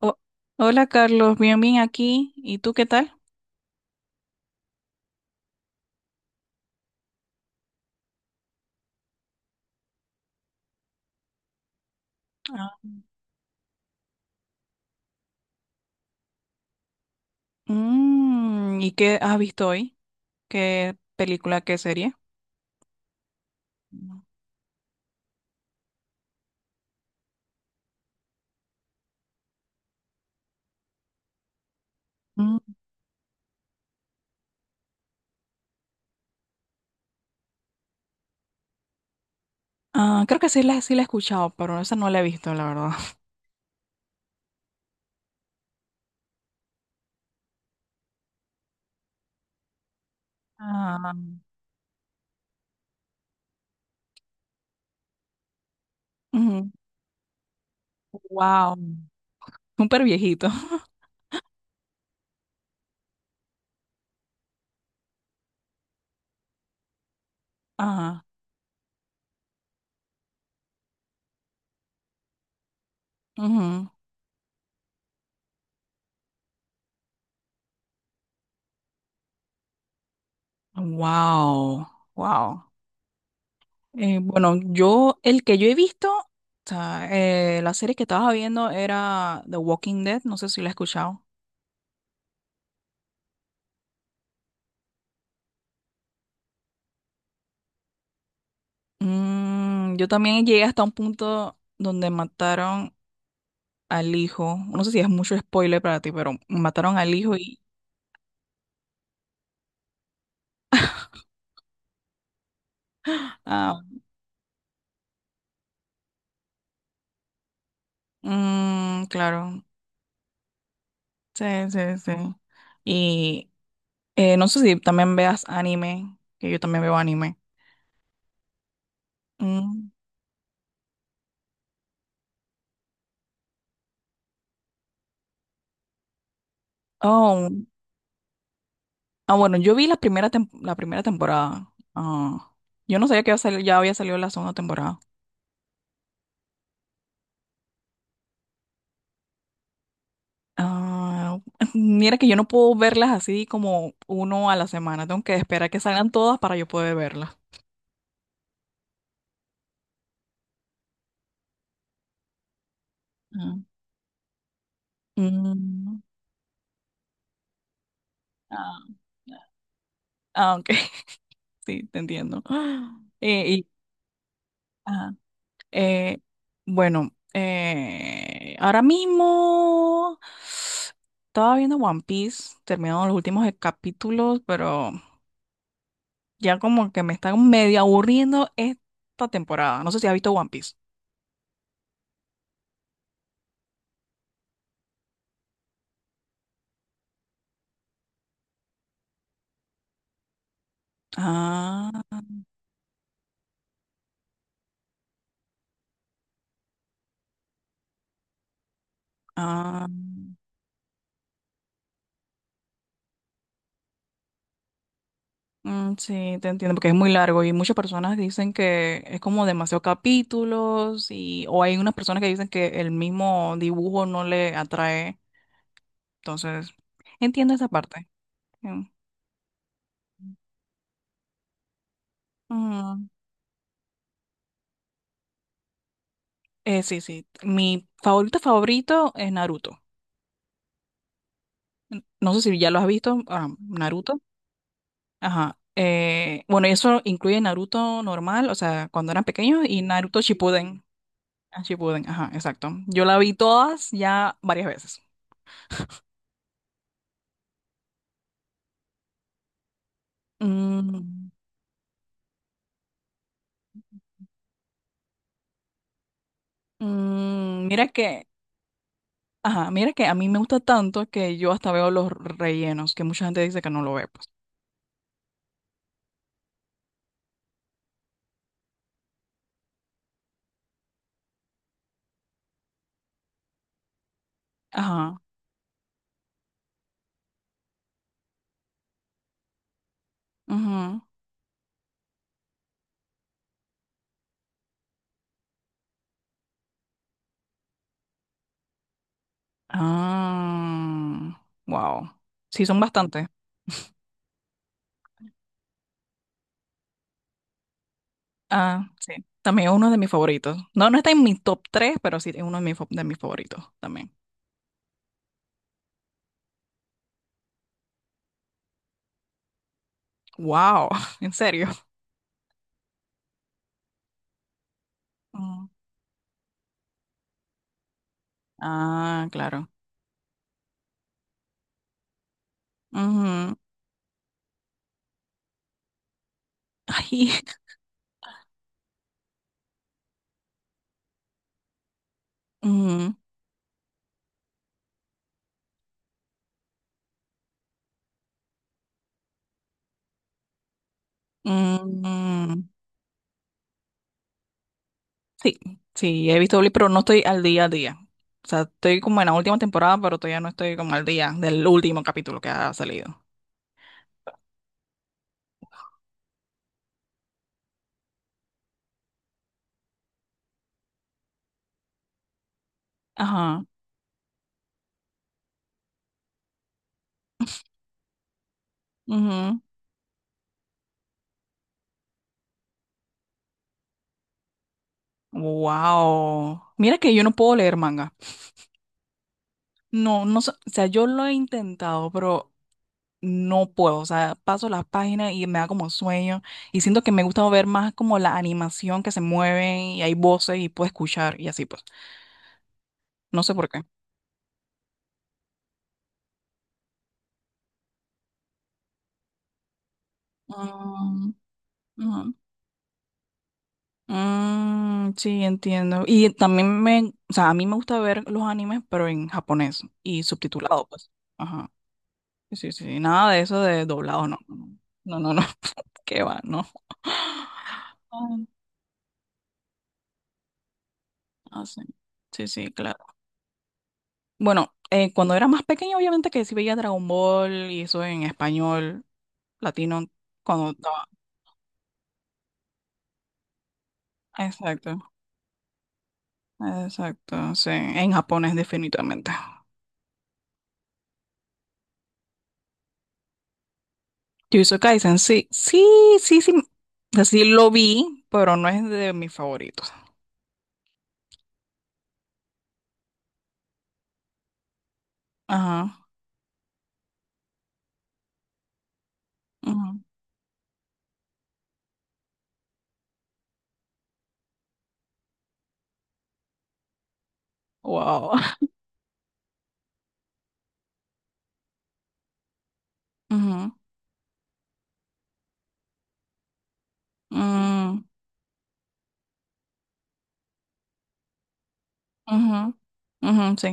Ho- hola Carlos, bien, bien aquí. ¿Y tú qué tal? Ah. ¿Y qué has visto hoy? ¿Qué película, qué serie? No. Mm, ah, creo que sí la he escuchado, pero esa no la he visto, la verdad. Ah, ujú. Wow, súper viejito. Ajá. Ujú. Wow, wow. Bueno, el que yo he visto, o sea, la serie que estaba viendo era The Walking Dead, no sé si la he escuchado. Yo también llegué hasta un punto donde mataron al hijo. No sé si es mucho spoiler para ti, pero mataron al hijo. Ah, mm, claro. Sí, sí, sí. Y no sé si también veas anime, que yo también veo anime. Mm. Oh, ah, bueno, yo vi la primera temporada. Ah, yo no sabía que iba a ya había salido la segunda temporada. Ah, mira que yo no puedo verlas así como uno a la semana. Tengo que esperar que salgan todas para yo poder verlas. Ah, mm, ah, ah, ok, sí, te entiendo. Y, ajá, eh, bueno, ahora mismo estaba viendo One Piece, terminaron los últimos capítulos, pero ya como que me están medio aburriendo esta temporada. No sé si has visto One Piece. Ah, ah. Mm, sí, te entiendo, porque es muy largo y muchas personas dicen que es como demasiados capítulos y o hay unas personas que dicen que el mismo dibujo no le atrae, entonces entiendo esa parte. Mm, mm. Sí, sí, mi favorito favorito es Naruto. No sé si ya lo has visto, ah, Naruto. Ajá. Bueno, eso incluye Naruto normal, o sea, cuando eran pequeños y Naruto Shippuden. Ah, Shippuden, ajá, exacto. Yo la vi todas ya varias veces. Mm. Mm, mira que, ajá, mira que a mí me gusta tanto que yo hasta veo los rellenos, que mucha gente dice que no lo ve, pues. Ajá. Ujú. Ah, wow. Sí, son bastantes. Ah, sí. También es uno de mis favoritos. No, no está en mi top 3, pero sí es uno de de mis favoritos también. Wow, en serio. Mm. Ah, claro. Ujú. Ay. ujú, ujú. Sí, sí, he visto Glee, pero no estoy al día a día. O sea, estoy como en la última temporada, pero todavía no estoy como al día del último capítulo que ha salido. Ajá. Ujú. Wow. Mira que yo no puedo leer manga. No, no, o sea, yo lo he intentado, pero no puedo. O sea, paso las páginas y me da como sueño. Y siento que me gusta ver más como la animación que se mueven y hay voces y puedo escuchar y así pues. No sé por qué. Mm, ujú. Mm, sí, entiendo. Y también o sea, a mí me gusta ver los animes, pero en japonés y subtitulado, pues. Ajá. Sí, sí, sí, nada de eso de doblado, no. No, no, no. Qué va, no. Ah, sí. Sí, sí, claro. Bueno, cuando era más pequeña, obviamente que sí veía Dragon Ball y eso en español, latino, cuando estaba. Exacto, exacto, sí, en japonés definitivamente. Jujutsu Kaisen, sí, sí, sí, sí. Así lo vi, pero no es de mis favoritos. Ajá. Ujú, wow. Ujú, mm, ujú, ujú, sí.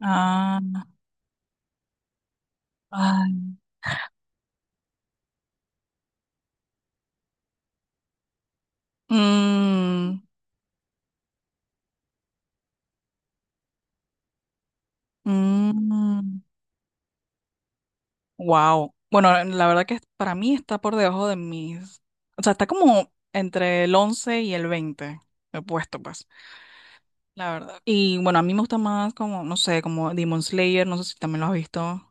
Ah, ay, mm, mm, wow. Bueno, la verdad que para mí está por debajo de mis. O sea, está como entre el 11 y el 20. He puesto, pues. La verdad. Y bueno, a mí me gusta más como, no sé, como Demon Slayer, no sé si también lo has visto.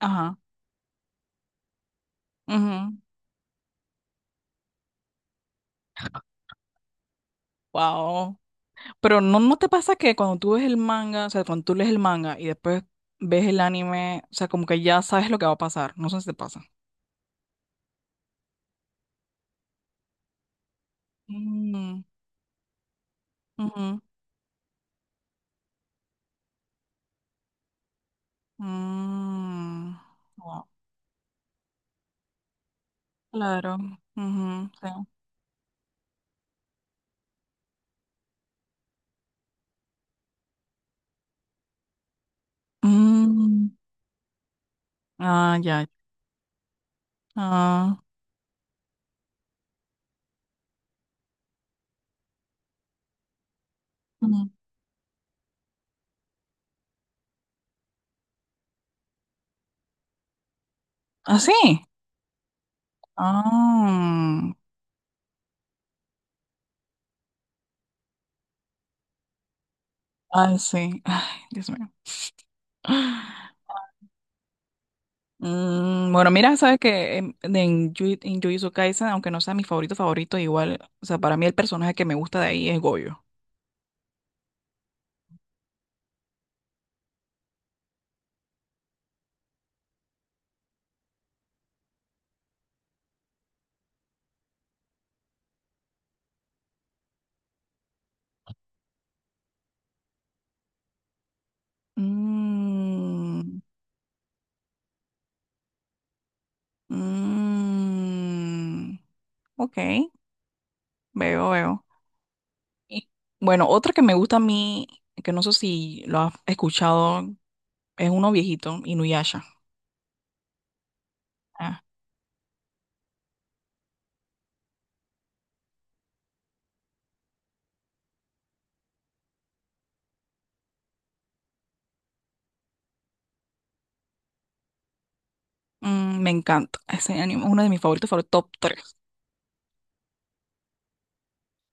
Ajá. Ujú. Wow. Pero no, ¿no te pasa que cuando tú ves el manga, o sea, cuando tú lees el manga y después ves el anime, o sea, como que ya sabes lo que va a pasar? No sé si te pasa. Mm, ujú, mm. Wow. Claro. Ujú, sí. Mm, ah, ya. Ah, ujú. Ah, sí. Ah, ay, sí. Ay, Dios mío. Bueno, mira, sabes que en, de- en, Yu- en Jujutsu Kaisen, aunque no sea mi favorito favorito, igual, o sea, para mí el personaje que me gusta de ahí es Goyo. Mm, mm, ok, veo, veo. Y, Bueno, otra que me gusta a mí, que no sé si lo has escuchado, es uno viejito, Inuyasha. Ah, me encanta. Ese anime es uno de mis favoritos, fue el top tres.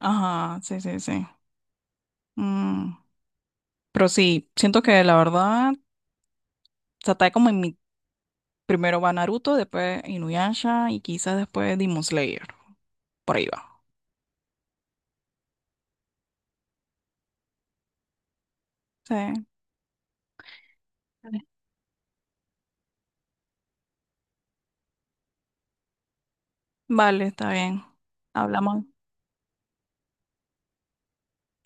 Ajá, sí, sí, sí. Mm, pero sí, siento que la verdad, se está como en mi. Primero va Naruto, después Inuyasha y quizás después Demon Slayer. Por ahí va. Sí. Vale, vale, está bien. Hablamos.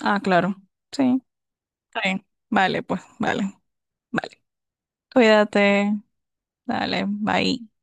Ah, claro. Sí, está bien. Vale, pues, vale, vale. Cuídate. Dale, bye.